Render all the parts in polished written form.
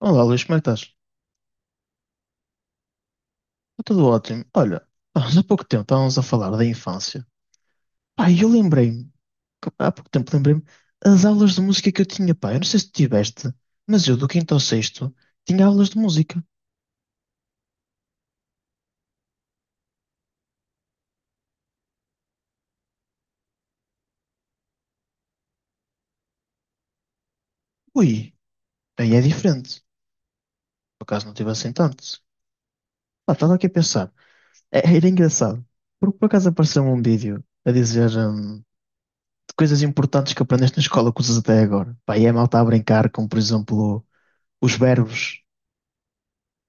Olá, Luís, como é que estás? Está tudo ótimo. Olha, há pouco tempo estávamos a falar da infância. Pá, e eu lembrei-me, há pouco tempo lembrei-me, as aulas de música que eu tinha, pá, eu não sei se tiveste, mas eu do quinto ao sexto tinha aulas de música. Ui, aí é diferente. Por acaso não tive assim tantos. Pá, estava aqui a pensar, era engraçado, porque por acaso apareceu um vídeo a dizer de coisas importantes que aprendeste na escola que usas até agora. Pá, e é malta a brincar com, por exemplo, os verbos,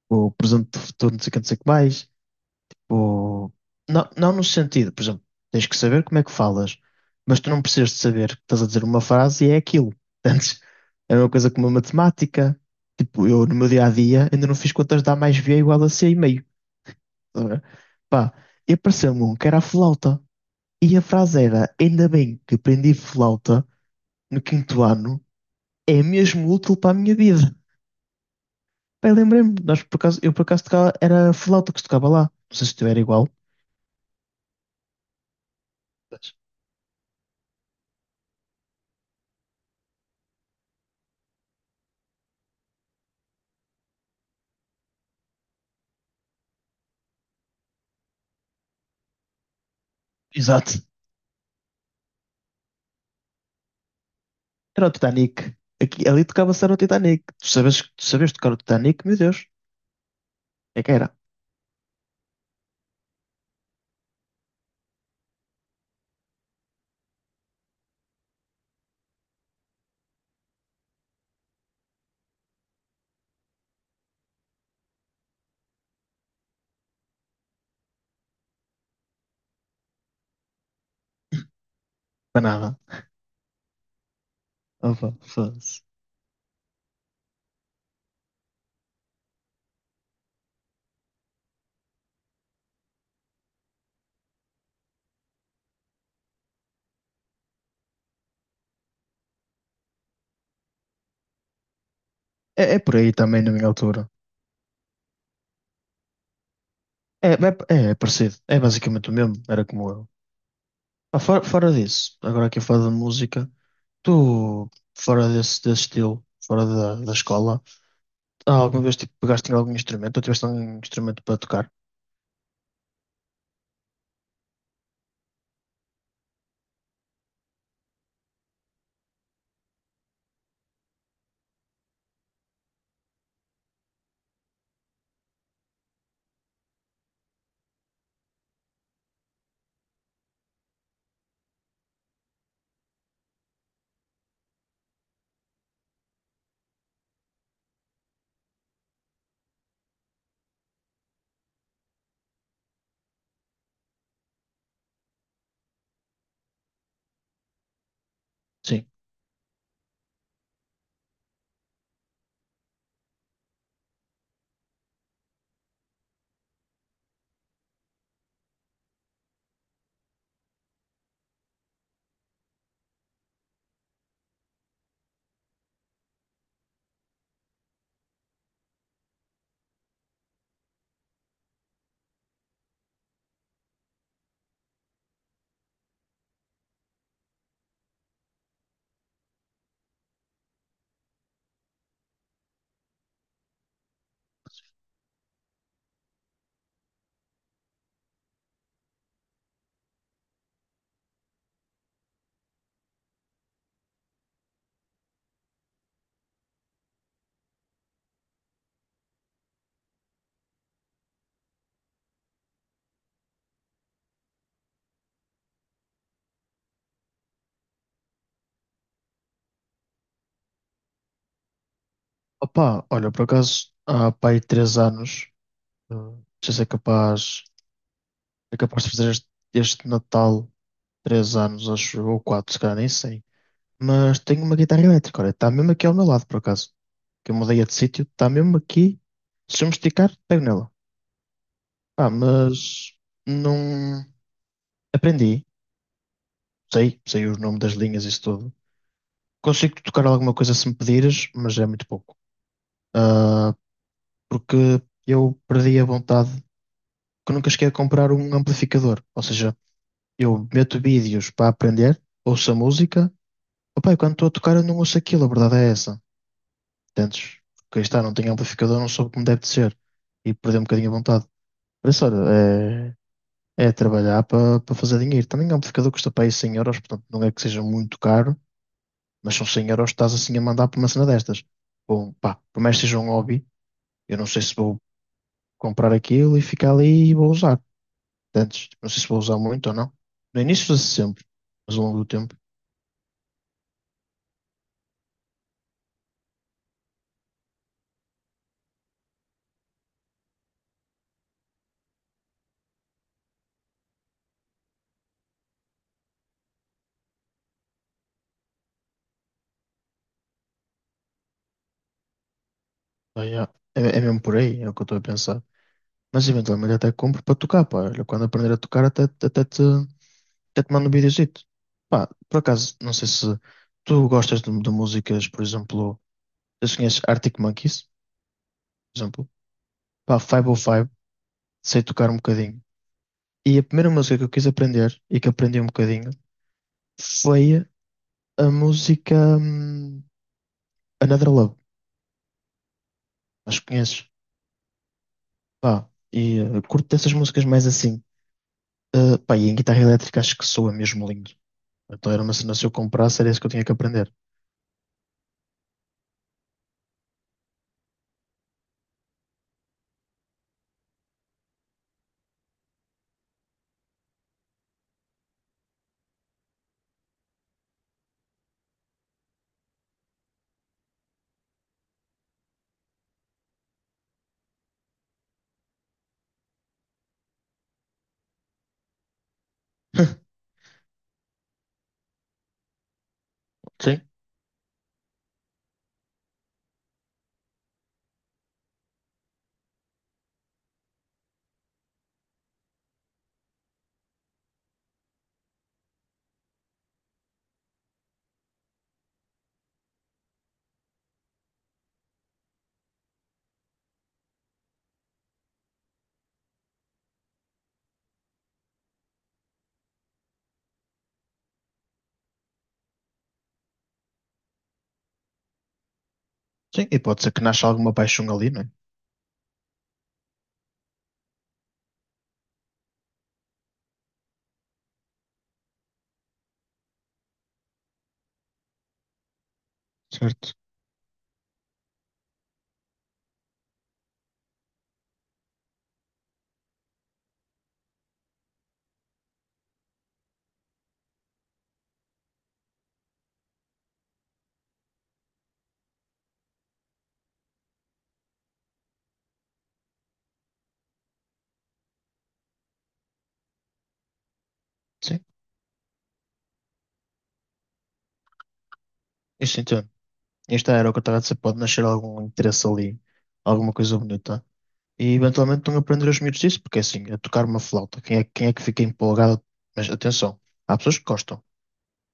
o presente do futuro, não sei o que, não sei o que mais. Ou... Não, não no sentido, por exemplo, tens que saber como é que falas, mas tu não precisas de saber que estás a dizer uma frase e é aquilo. Antes, é uma coisa como a matemática. Tipo, eu no meu dia a dia ainda não fiz contas de A mais B é igual a C e meio. Estás a ver? Pá, e apareceu-me um que era a flauta. E a frase era: ainda bem que aprendi flauta no quinto ano, é mesmo útil para a minha vida. Pá, e lembrei-me, nós por acaso, eu por acaso tocava, era a flauta que se tocava lá. Não sei se tu era igual. mas- Exato. Era o Titanic. Aqui, ali tocava-se era o Titanic. Tu sabes tocar o Titanic? Meu Deus. É que era. Para nada. Opa, foda-se. É, é por aí também, na minha altura. É, é parecido. É basicamente o mesmo. Era como eu. Ah, fora disso, agora aqui a falar de música. Tu, desse estilo, da escola, ah, alguma vez tipo, pegaste em algum instrumento ou tiveste algum instrumento para tocar? Sim. Opa, olha, por acaso, há pá, aí três anos, já sei capaz, é capaz de fazer este Natal três anos, acho, eu, ou quatro, se calhar, nem sei. Mas tenho uma guitarra elétrica, olha, está mesmo aqui ao meu lado, por acaso. Que eu mudei de sítio, está mesmo aqui. Se eu me esticar, pego nela. Ah, mas não aprendi. Sei o nome das linhas e isso tudo. Consigo tocar alguma coisa se me pedires, mas é muito pouco. Ah, porque eu perdi a vontade, que nunca cheguei a comprar um amplificador. Ou seja, eu meto vídeos para aprender, ouço a música, opa, e quando estou a tocar eu não ouço aquilo, a verdade é essa. Entendes? Porque aí está, não tenho amplificador, não soube como deve de ser. E perdi um bocadinho a vontade. Por isso, olha, é trabalhar para fazer dinheiro. Também um amplificador custa para aí 100 euros, portanto não é que seja muito caro, mas são 100 euros que estás assim a mandar para uma cena destas. Bom, pá, por mais que seja um hobby. Eu não sei se vou comprar aquilo e ficar ali e vou usar. Antes, não sei se vou usar muito ou não. No início usa-se sempre, mas ao longo do tempo, pá, já, é mesmo por aí, é o que eu estou a pensar. Mas eventualmente até compro para tocar, pá. Olha, quando aprender a tocar, até te mando um videozito. Pá, por acaso, não sei se tu gostas de músicas, por exemplo, eu conheces Arctic Monkeys, por exemplo. Pá, 505, sei tocar um bocadinho. E a primeira música que eu quis aprender, e que aprendi um bocadinho, foi a música. Another Love, acho que conheces. Pá, e curto dessas músicas mais assim. Pá, e em guitarra elétrica acho que soa mesmo lindo. Então era uma cena, se eu comprasse, era isso que eu tinha que aprender. Sim, sim. E pode ser que nasça alguma paixão ali, não é? Certo. Sim, isso entendo. Isto era o que eu estava a dizer, pode nascer algum interesse ali, alguma coisa bonita. E eventualmente estão a aprender os miúdos disso, porque é assim, a tocar uma flauta, quem é que fica empolgado? Mas atenção, há pessoas que gostam,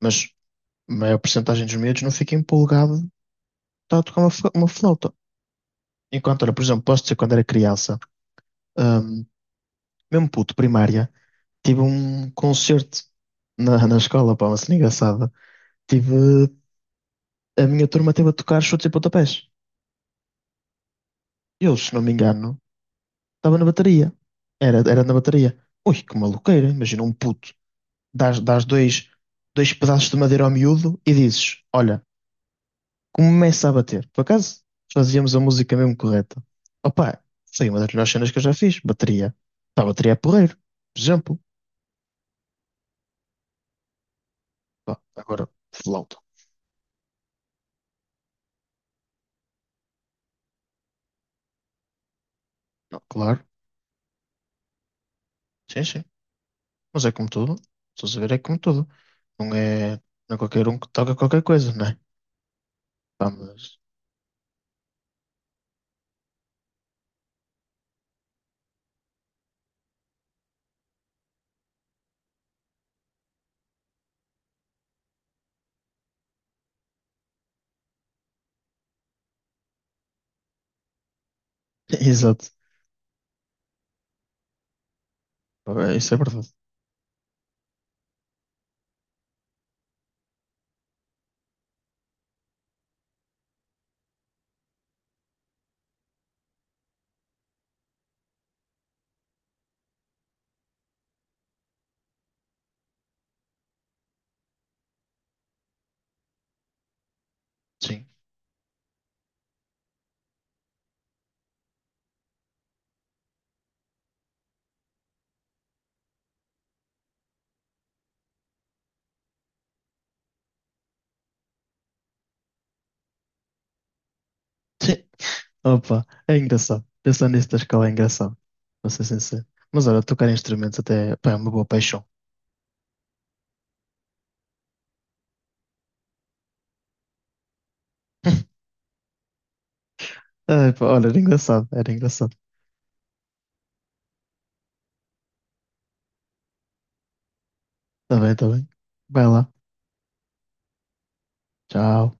mas a maior porcentagem dos miúdos não fica empolgado de estar a tocar uma flauta. Enquanto, olha, por exemplo, posso dizer quando era criança, hum, mesmo puto, primária, tive um concerto na, na escola, pá, uma cena engraçada. Tive, a minha turma teve a tocar chutes e pontapés. Eu, se não me engano, estava na bateria. Era na bateria. Ui, que maluqueira, imagina um puto. Dás dois pedaços de madeira ao miúdo e dizes, olha, começa a bater. Por acaso, fazíamos a música mesmo correta. Opa, foi uma das melhores cenas que eu já fiz, bateria. Pá, bateria é porreiro, por exemplo. Pá, agora, flauta. Não, claro. Sim, sim. Mas é como tudo. Estás a ver, é como tudo. Não é, não é qualquer um que toca qualquer coisa, não é? Pá, mas... Exato. Pá, é, isso é verdade. Sim. Sim. Opa, é engraçado. Pensar nisso da escola é engraçado. Vou ser sincero. Mas olha, tocar instrumentos até, pá, é uma boa paixão. Ai, pá, olha, era engraçado. Era engraçado. Tá bem, tá bem. Vai lá. Tchau.